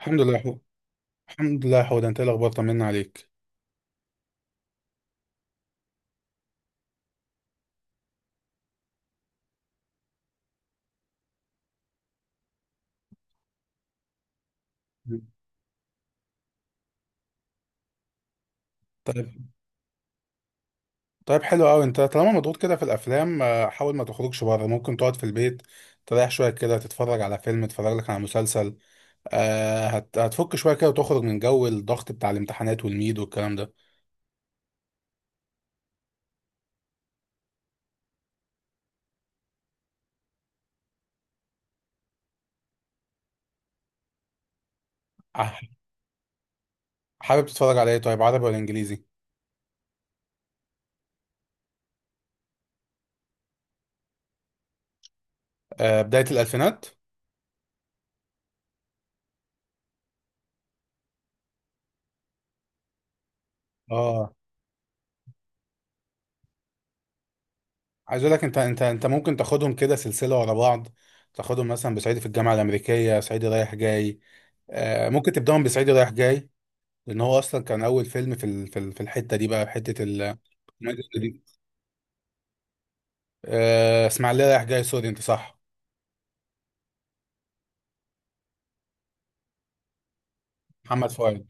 الحمد لله. الحمد لله حود، انت ايه الاخبار؟ طمنا عليك. طيب، طيب، حلو قوي. انت طالما مضغوط كده في الافلام، حاول ما تخرجش بره. ممكن تقعد في البيت تريح شويه كده، تتفرج على فيلم، تتفرج لك على مسلسل. هتفك شويه كده وتخرج من جو الضغط بتاع الامتحانات والميد والكلام ده. آه، حابب تتفرج على ايه؟ طيب، عربي ولا انجليزي؟ بدايه الالفينات. اه، عايز اقول لك، انت ممكن تاخدهم كده سلسله ورا بعض. تاخدهم مثلا بصعيدي في الجامعه الامريكيه، صعيدي رايح جاي. ممكن تبداهم بصعيدي رايح جاي. لان هو اصلا كان اول فيلم في الحته دي، بقى في حته ال دي. اسماعيليه رايح جاي، سوري، انت صح. محمد فؤاد.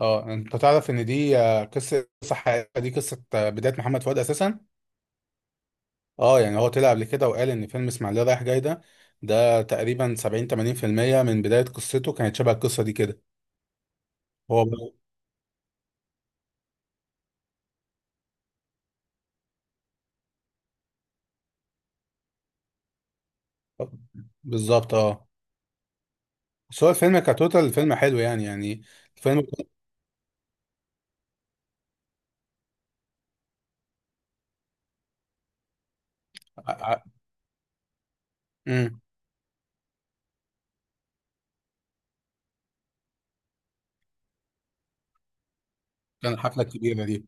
اه، انت تعرف ان دي قصه صح. دي قصه، بدايه محمد فؤاد اساسا. اه، يعني هو طلع قبل كده وقال ان فيلم اسماعيليه رايح جاي ده، ده تقريبا 70 80% من بدايه قصته كانت شبه القصه دي كده. هو ب- بالظبط، اه. بس هو الفيلم كتوتال الفيلم حلو، يعني الفيلم. ع- ع- مم. كان الحفله الكبيره دي.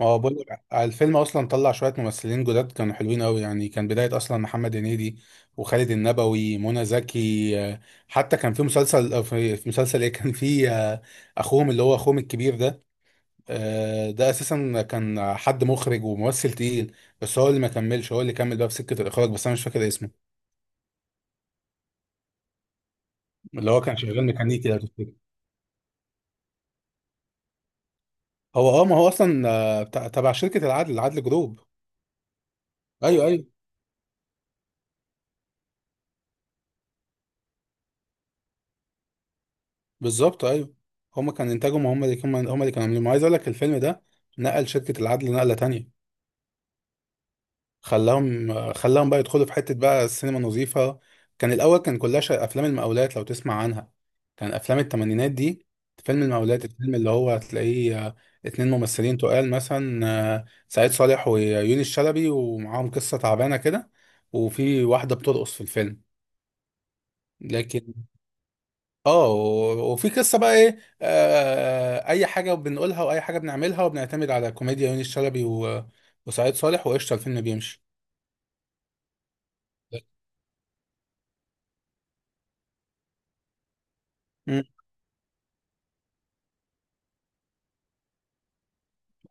هو بقول لك، الفيلم اصلا طلع شويه ممثلين جداد كانوا حلوين قوي. يعني كان بدايه اصلا محمد هنيدي، وخالد النبوي، منى زكي. حتى كان في مسلسل، في مسلسل ايه كان في، اخوهم، اللي هو اخوهم الكبير ده. ده اساسا كان حد مخرج وممثل تقيل، بس هو اللي ما كملش. هو اللي كمل بقى في سكه الاخراج، بس انا مش فاكر اسمه. اللي هو كان شغال ميكانيكي لو تفتكر. هو اه، ما هو اصلا تبع شركه العدل جروب. ايوه، ايوه، بالظبط، ايوه. هما كان انتاجهم. هما اللي كانوا عاملينه. عايز اقول لك، الفيلم ده نقل شركة العدل نقلة تانية. خلاهم بقى يدخلوا في حتة بقى السينما نظيفة. كان الاول كان كلها افلام المقاولات، لو تسمع عنها. كان افلام التمانينات دي. فيلم المقاولات، الفيلم اللي هو هتلاقيه، اتنين ممثلين تقال مثلا، سعيد صالح ويونس شلبي، ومعاهم قصة تعبانة كده، وفي واحدة بترقص في الفيلم. لكن اه، وفي قصه بقى ايه. اي حاجه بنقولها، واي حاجه بنعملها، وبنعتمد على كوميديا يونس شلبي وسعيد صالح، وقشطه الفيلم بيمشي. مم.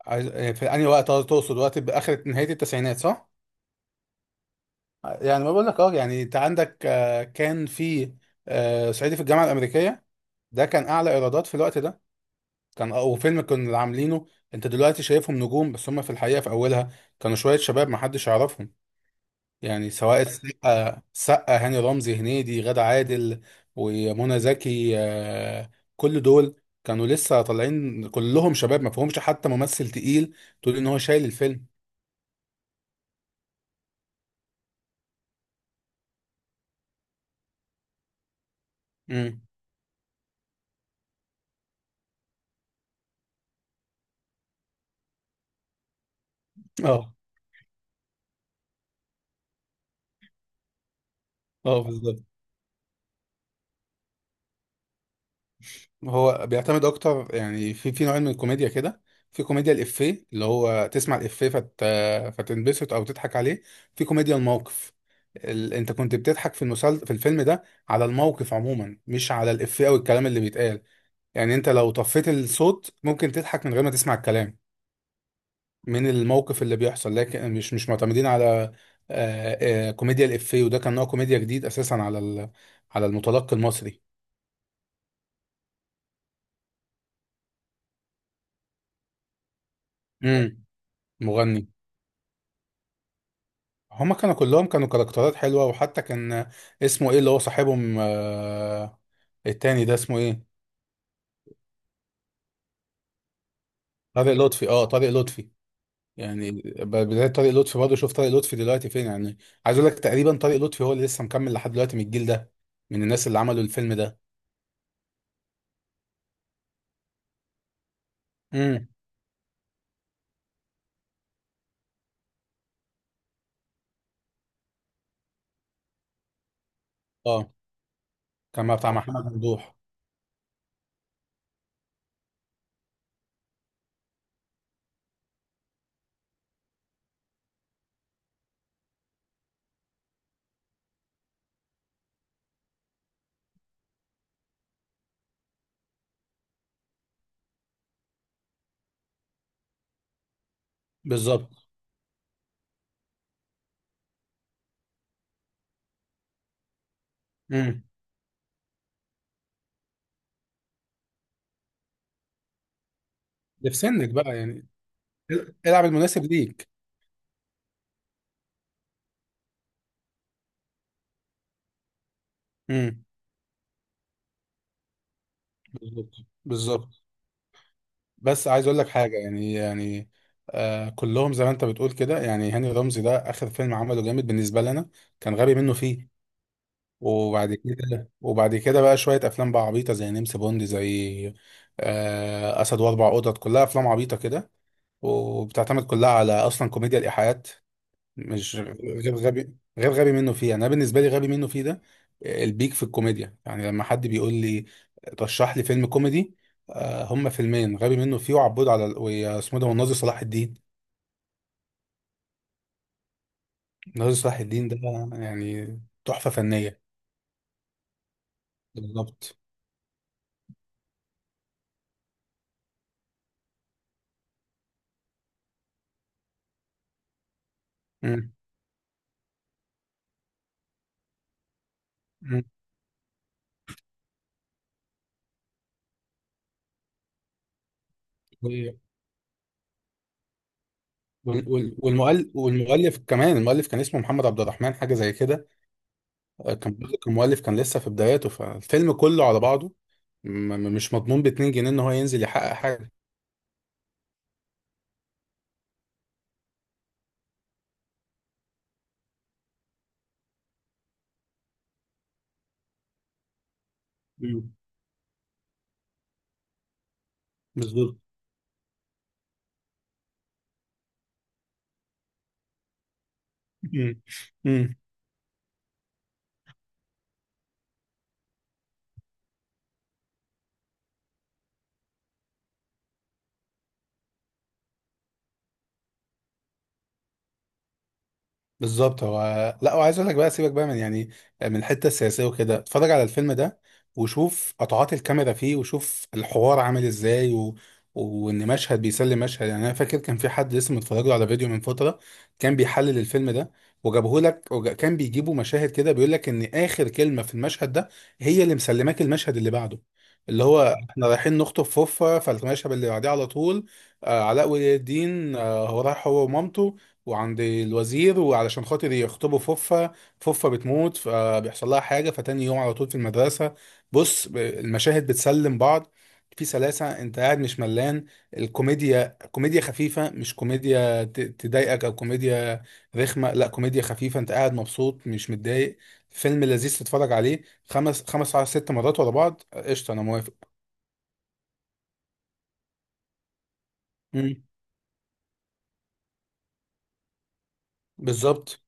في انهي وقت؟ تقصد وقت باخر نهايه التسعينات صح؟ يعني ما بقول لك، اه يعني انت عندك، كان في، صعيدي في الجامعه الامريكيه، ده كان اعلى ايرادات في الوقت ده. كان، وفيلم كنا عاملينه. انت دلوقتي شايفهم نجوم، بس هم في الحقيقه في اولها كانوا شويه شباب ما حدش يعرفهم. يعني سواء السقا، هاني رمزي، هنيدي، غادة عادل، ومنى زكي. كل دول كانوا لسه طالعين. كلهم شباب ما فيهمش حتى ممثل تقيل تقول ان هو شايل الفيلم. امم، اه، اه، بالظبط. هو بيعتمد اكتر، يعني في نوعين من الكوميديا كده. في كوميديا الافيه، اللي هو تسمع الافيه فتنبسط او تضحك عليه. في كوميديا الموقف، انت كنت بتضحك في في الفيلم ده على الموقف عموما، مش على الافيه او الكلام اللي بيتقال. يعني انت لو طفيت الصوت ممكن تضحك من غير ما تسمع الكلام، من الموقف اللي بيحصل. لكن مش معتمدين على آه، كوميديا الإفيه. وده كان نوع كوميديا جديد أساسا على المتلقي المصري. امم. مغني. هما كانوا كلهم كانوا كاركترات حلوة. وحتى كان اسمه ايه، اللي هو صاحبهم، التاني ده اسمه ايه؟ طارق لطفي. اه، طارق لطفي. يعني بداية طارق لطفي برضه. شوف طارق لطفي دلوقتي فين يعني. عايز اقول لك، تقريبا طارق لطفي هو اللي لسه مكمل لحد دلوقتي من الجيل ده، من الناس اللي عملوا الفيلم ده. امم. اه، كان مع بتاع محمد ممدوح. بالظبط. امم. ده في سنك بقى يعني. العب المناسب ليك. امم، بالظبط، بالظبط. بس عايز اقول لك حاجه، يعني كلهم زي ما انت بتقول كده. يعني هاني رمزي، ده اخر فيلم عمله جامد بالنسبه لنا كان غبي منه فيه. وبعد كده بقى شويه افلام بقى عبيطه، زي نمس بوند، زي اسد واربع قطط. كلها افلام عبيطه كده، وبتعتمد كلها على اصلا كوميديا الايحاءات. مش غير غبي منه فيه. يعني انا بالنسبه لي غبي منه فيه ده، البيك في الكوميديا. يعني لما حد بيقول لي رشح لي فيلم كوميدي، هما فيلمين، غبي منه فيه، وعبود على ويا اسمه ده، والناظر صلاح الدين. الناظر صلاح الدين ده يعني تحفه فنيه. بالظبط. مم. مم. وال- والمؤلف كمان، المؤلف كان اسمه محمد عبد الرحمن حاجه زي كده. كان برضه كان مؤلف كان لسه في بداياته. فالفيلم كله على بعضه مش مضمون ب 2 جنيه ان هو ينزل يحقق حاجه. بالظبط. مم. مم. بالظبط. هو لا، وعايز اقول لك بقى، سيبك بقى من يعني من الحته السياسيه وكده. اتفرج على الفيلم ده، وشوف قطعات الكاميرا فيه، وشوف الحوار عامل ازاي، وان مشهد بيسلم مشهد. يعني انا فاكر كان في حد لسه متفرج له على فيديو من فتره كان بيحلل الفيلم ده، وجابه لك، وكان بيجيبوا مشاهد كده، بيقول لك ان اخر كلمه في المشهد ده هي اللي مسلماك المشهد اللي بعده. اللي هو احنا رايحين نخطب فوفا، فالمشهد اللي بعديه على طول علاء ولي الدين، هو رايح، هو ومامته، وعند الوزير، وعلشان خاطر يخطبوا فوفا، فوفا بتموت، فبيحصل لها حاجة، فتاني يوم على طول في المدرسة. بص، المشاهد بتسلم بعض في سلاسة. انت قاعد مش ملان. الكوميديا كوميديا خفيفة، مش كوميديا تضايقك او كوميديا رخمة. لا، كوميديا خفيفة، انت قاعد مبسوط مش متضايق. فيلم لذيذ تتفرج عليه خمس خمس على ست مرات ورا بعض. قشطة، انا موافق. مم. بالظبط،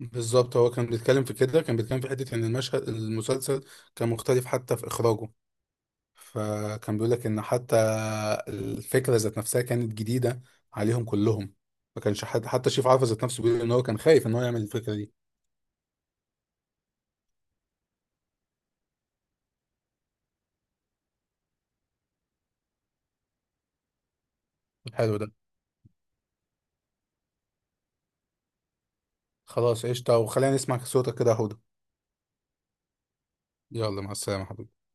بالظبط. هو كان بيتكلم في كده، كان بيتكلم في حتة إن المشهد المسلسل كان مختلف حتى في إخراجه. فكان بيقول لك إن حتى الفكرة ذات نفسها كانت جديدة عليهم كلهم. ما كانش حد حتى شريف عرفة ذات نفسه بيقول إن هو كان خايف إن هو يعمل الفكرة دي. حلو ده. خلاص، قشطة، وخلينا نسمع صوتك كده يا هدى. يلا، مع السلامة حبيبي.